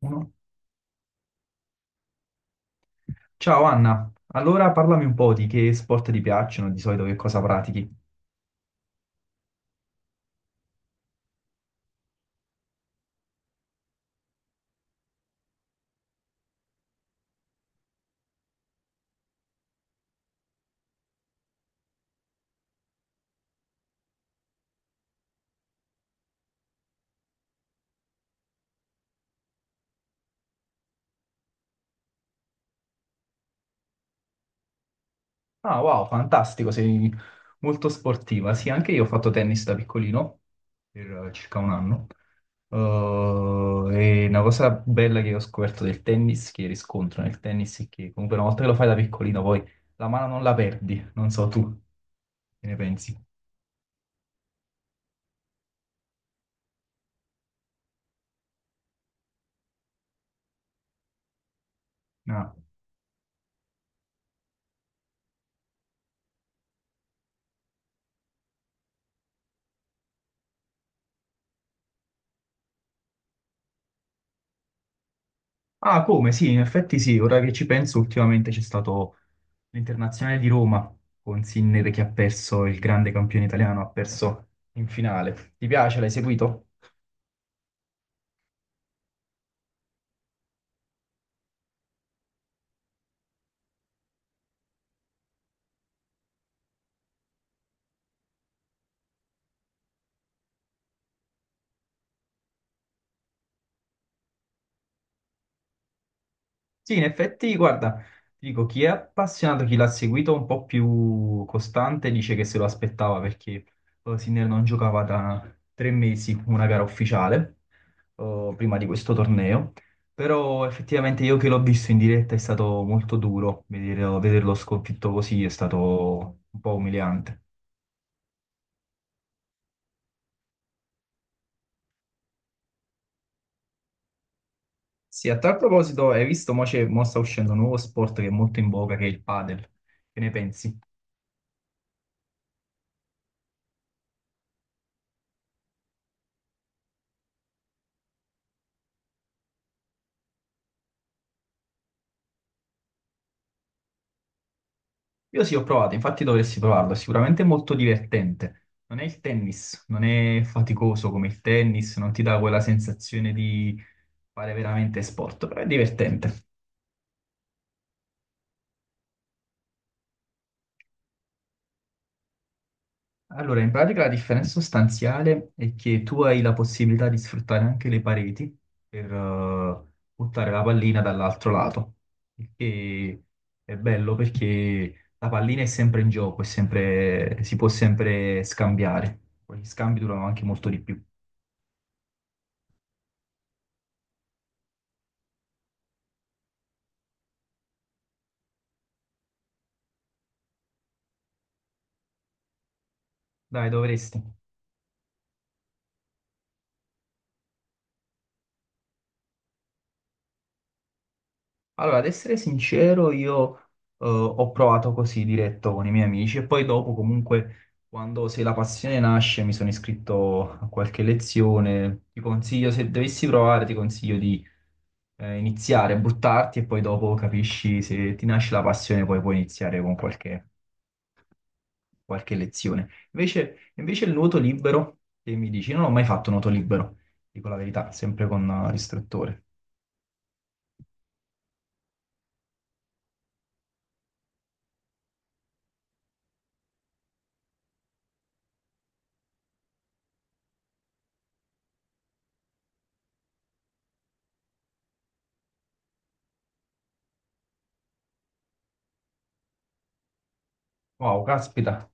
Uno. Ciao Anna, allora parlami un po' di che sport ti piacciono, di solito che cosa pratichi. Ah, wow, fantastico, sei molto sportiva. Sì, anche io ho fatto tennis da piccolino, per circa un anno. E una cosa bella che ho scoperto del tennis, che riscontro nel tennis, è che comunque una volta che lo fai da piccolino, poi la mano non la perdi, non so tu, che ne pensi? No. Ah, come? Sì, in effetti sì, ora che ci penso, ultimamente c'è stato l'Internazionale di Roma con Sinner che ha perso il grande campione italiano, ha perso in finale. Ti piace? L'hai seguito? Sì, in effetti, guarda, ti dico, chi è appassionato, chi l'ha seguito un po' più costante, dice che se lo aspettava perché Sinner non giocava da tre mesi una gara ufficiale, prima di questo torneo. Però effettivamente io che l'ho visto in diretta è stato molto duro, vederlo sconfitto così è stato un po' umiliante. Sì, a tal proposito, hai visto, mo, mo sta uscendo un nuovo sport che è molto in voga, che è il padel. Che ne pensi? Io sì, ho provato, infatti dovresti provarlo, è sicuramente molto divertente. Non è il tennis, non è faticoso come il tennis, non ti dà quella sensazione di fare veramente sport, però è divertente. Allora, in pratica la differenza sostanziale è che tu hai la possibilità di sfruttare anche le pareti per buttare la pallina dall'altro lato, il che è bello perché la pallina è sempre in gioco, si può sempre scambiare. Poi gli scambi durano anche molto di più. Dai, dovresti. Allora, ad essere sincero, io ho provato così diretto con i miei amici e poi dopo comunque, quando se la passione nasce, mi sono iscritto a qualche lezione. Ti consiglio, se dovessi provare, ti consiglio di iniziare, buttarti e poi dopo capisci se ti nasce la passione, poi puoi iniziare con qualche lezione. Invece il nuoto libero, che mi dici, non ho mai fatto nuoto libero, dico la verità, sempre con l'istruttore. Wow, caspita.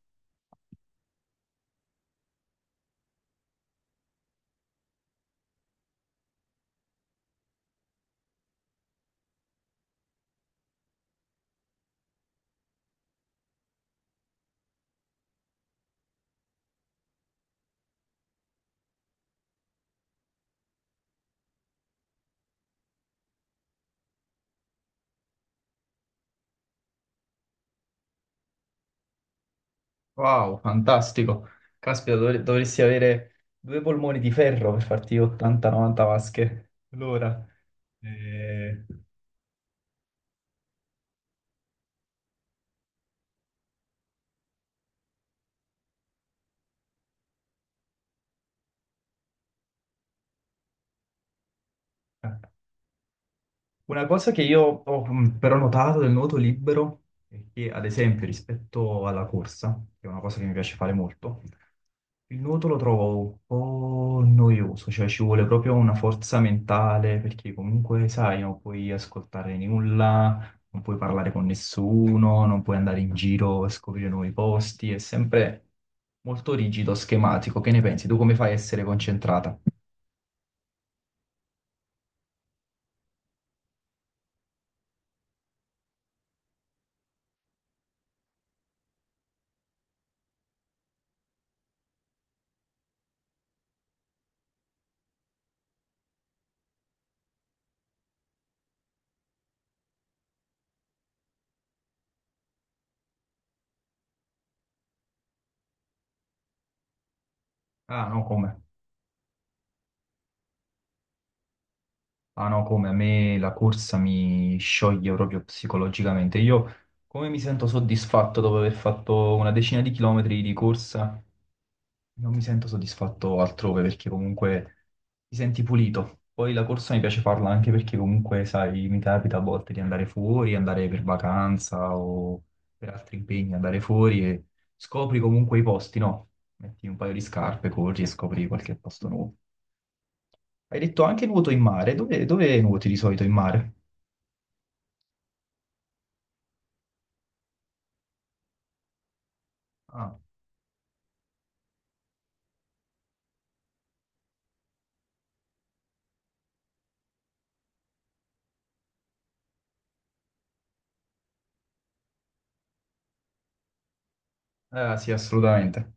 Wow, fantastico. Caspita, dovresti avere due polmoni di ferro per farti 80-90 vasche l'ora. Eh, ah, una cosa che io ho però notato del nuoto libero è che, ad esempio, rispetto alla corsa, che è una cosa che mi piace fare molto, il nuoto lo trovo un po' noioso, cioè ci vuole proprio una forza mentale perché comunque, sai, non puoi ascoltare nulla, non puoi parlare con nessuno, non puoi andare in giro a scoprire nuovi posti, è sempre molto rigido, schematico. Che ne pensi? Tu come fai a essere concentrata? Ah, no, come? Ah no, come a me la corsa mi scioglie proprio psicologicamente. Io come mi sento soddisfatto dopo aver fatto una decina di chilometri di corsa, non mi sento soddisfatto altrove perché comunque ti senti pulito. Poi la corsa mi piace farla anche perché comunque, sai, mi capita a volte di andare fuori, andare per vacanza o per altri impegni, andare fuori e scopri comunque i posti, no? Metti un paio di scarpe, corri e scopri qualche posto nuovo. Hai detto anche nuoto in mare. Dove, dove nuoti di solito in mare? Ah, sì, assolutamente.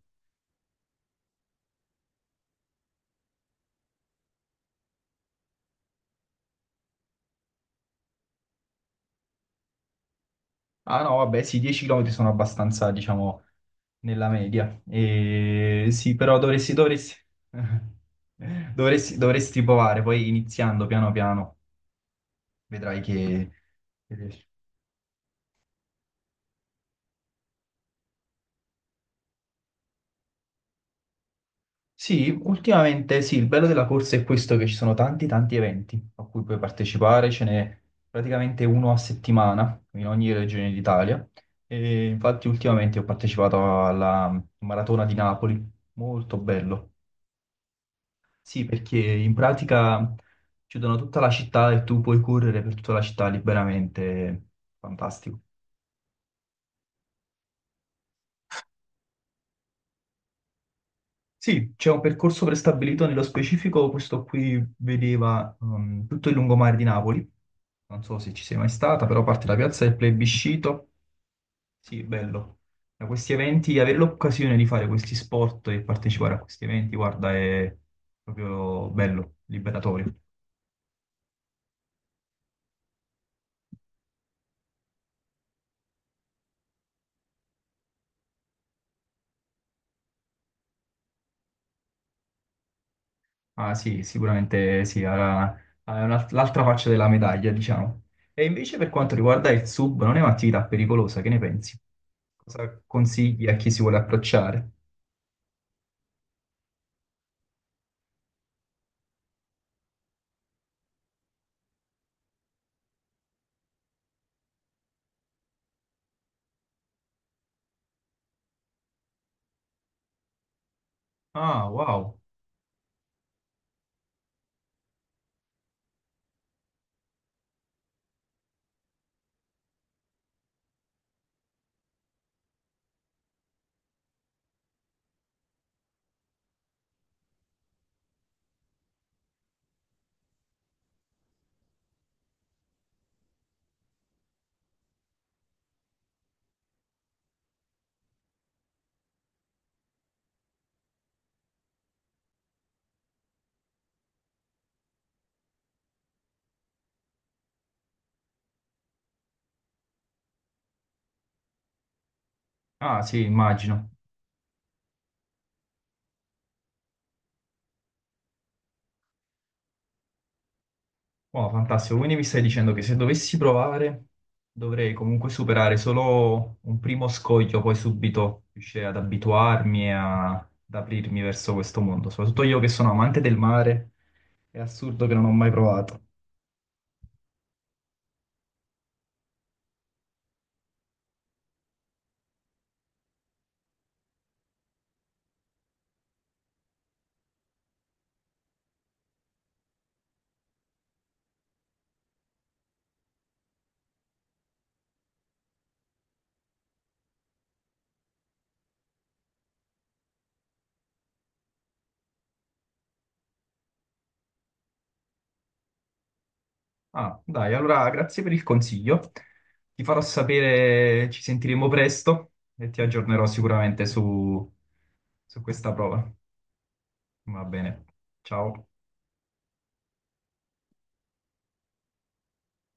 Ah no, vabbè, sì, 10 km sono abbastanza, diciamo, nella media. E sì, però dovresti, dovresti provare, poi iniziando piano piano, vedrai che riesci. Sì, ultimamente sì, il bello della corsa è questo che ci sono tanti tanti eventi a cui puoi partecipare, ce n'è praticamente uno a settimana in ogni regione d'Italia e infatti ultimamente ho partecipato alla Maratona di Napoli, molto bello. Sì, perché in pratica chiudono tutta la città e tu puoi correre per tutta la città liberamente, fantastico. Sì, c'è un percorso prestabilito nello specifico, questo qui vedeva tutto il lungomare di Napoli. Non so se ci sei mai stata, però parte la piazza del plebiscito. Sì, bello. Da questi eventi, avere l'occasione di fare questi sport e partecipare a questi eventi, guarda, è proprio bello, liberatorio. Ah sì, sicuramente sì, l'altra faccia della medaglia, diciamo. E invece per quanto riguarda il sub, non è un'attività pericolosa, che ne pensi? Cosa consigli a chi si vuole approcciare? Ah, wow. Ah sì, immagino. Oh, fantastico, quindi mi stai dicendo che se dovessi provare dovrei comunque superare solo un primo scoglio, poi subito riuscire ad abituarmi e ad aprirmi verso questo mondo, soprattutto io che sono amante del mare, è assurdo che non ho mai provato. Ah, dai, allora grazie per il consiglio, ti farò sapere, ci sentiremo presto e ti aggiornerò sicuramente su, su questa prova. Va bene, ciao.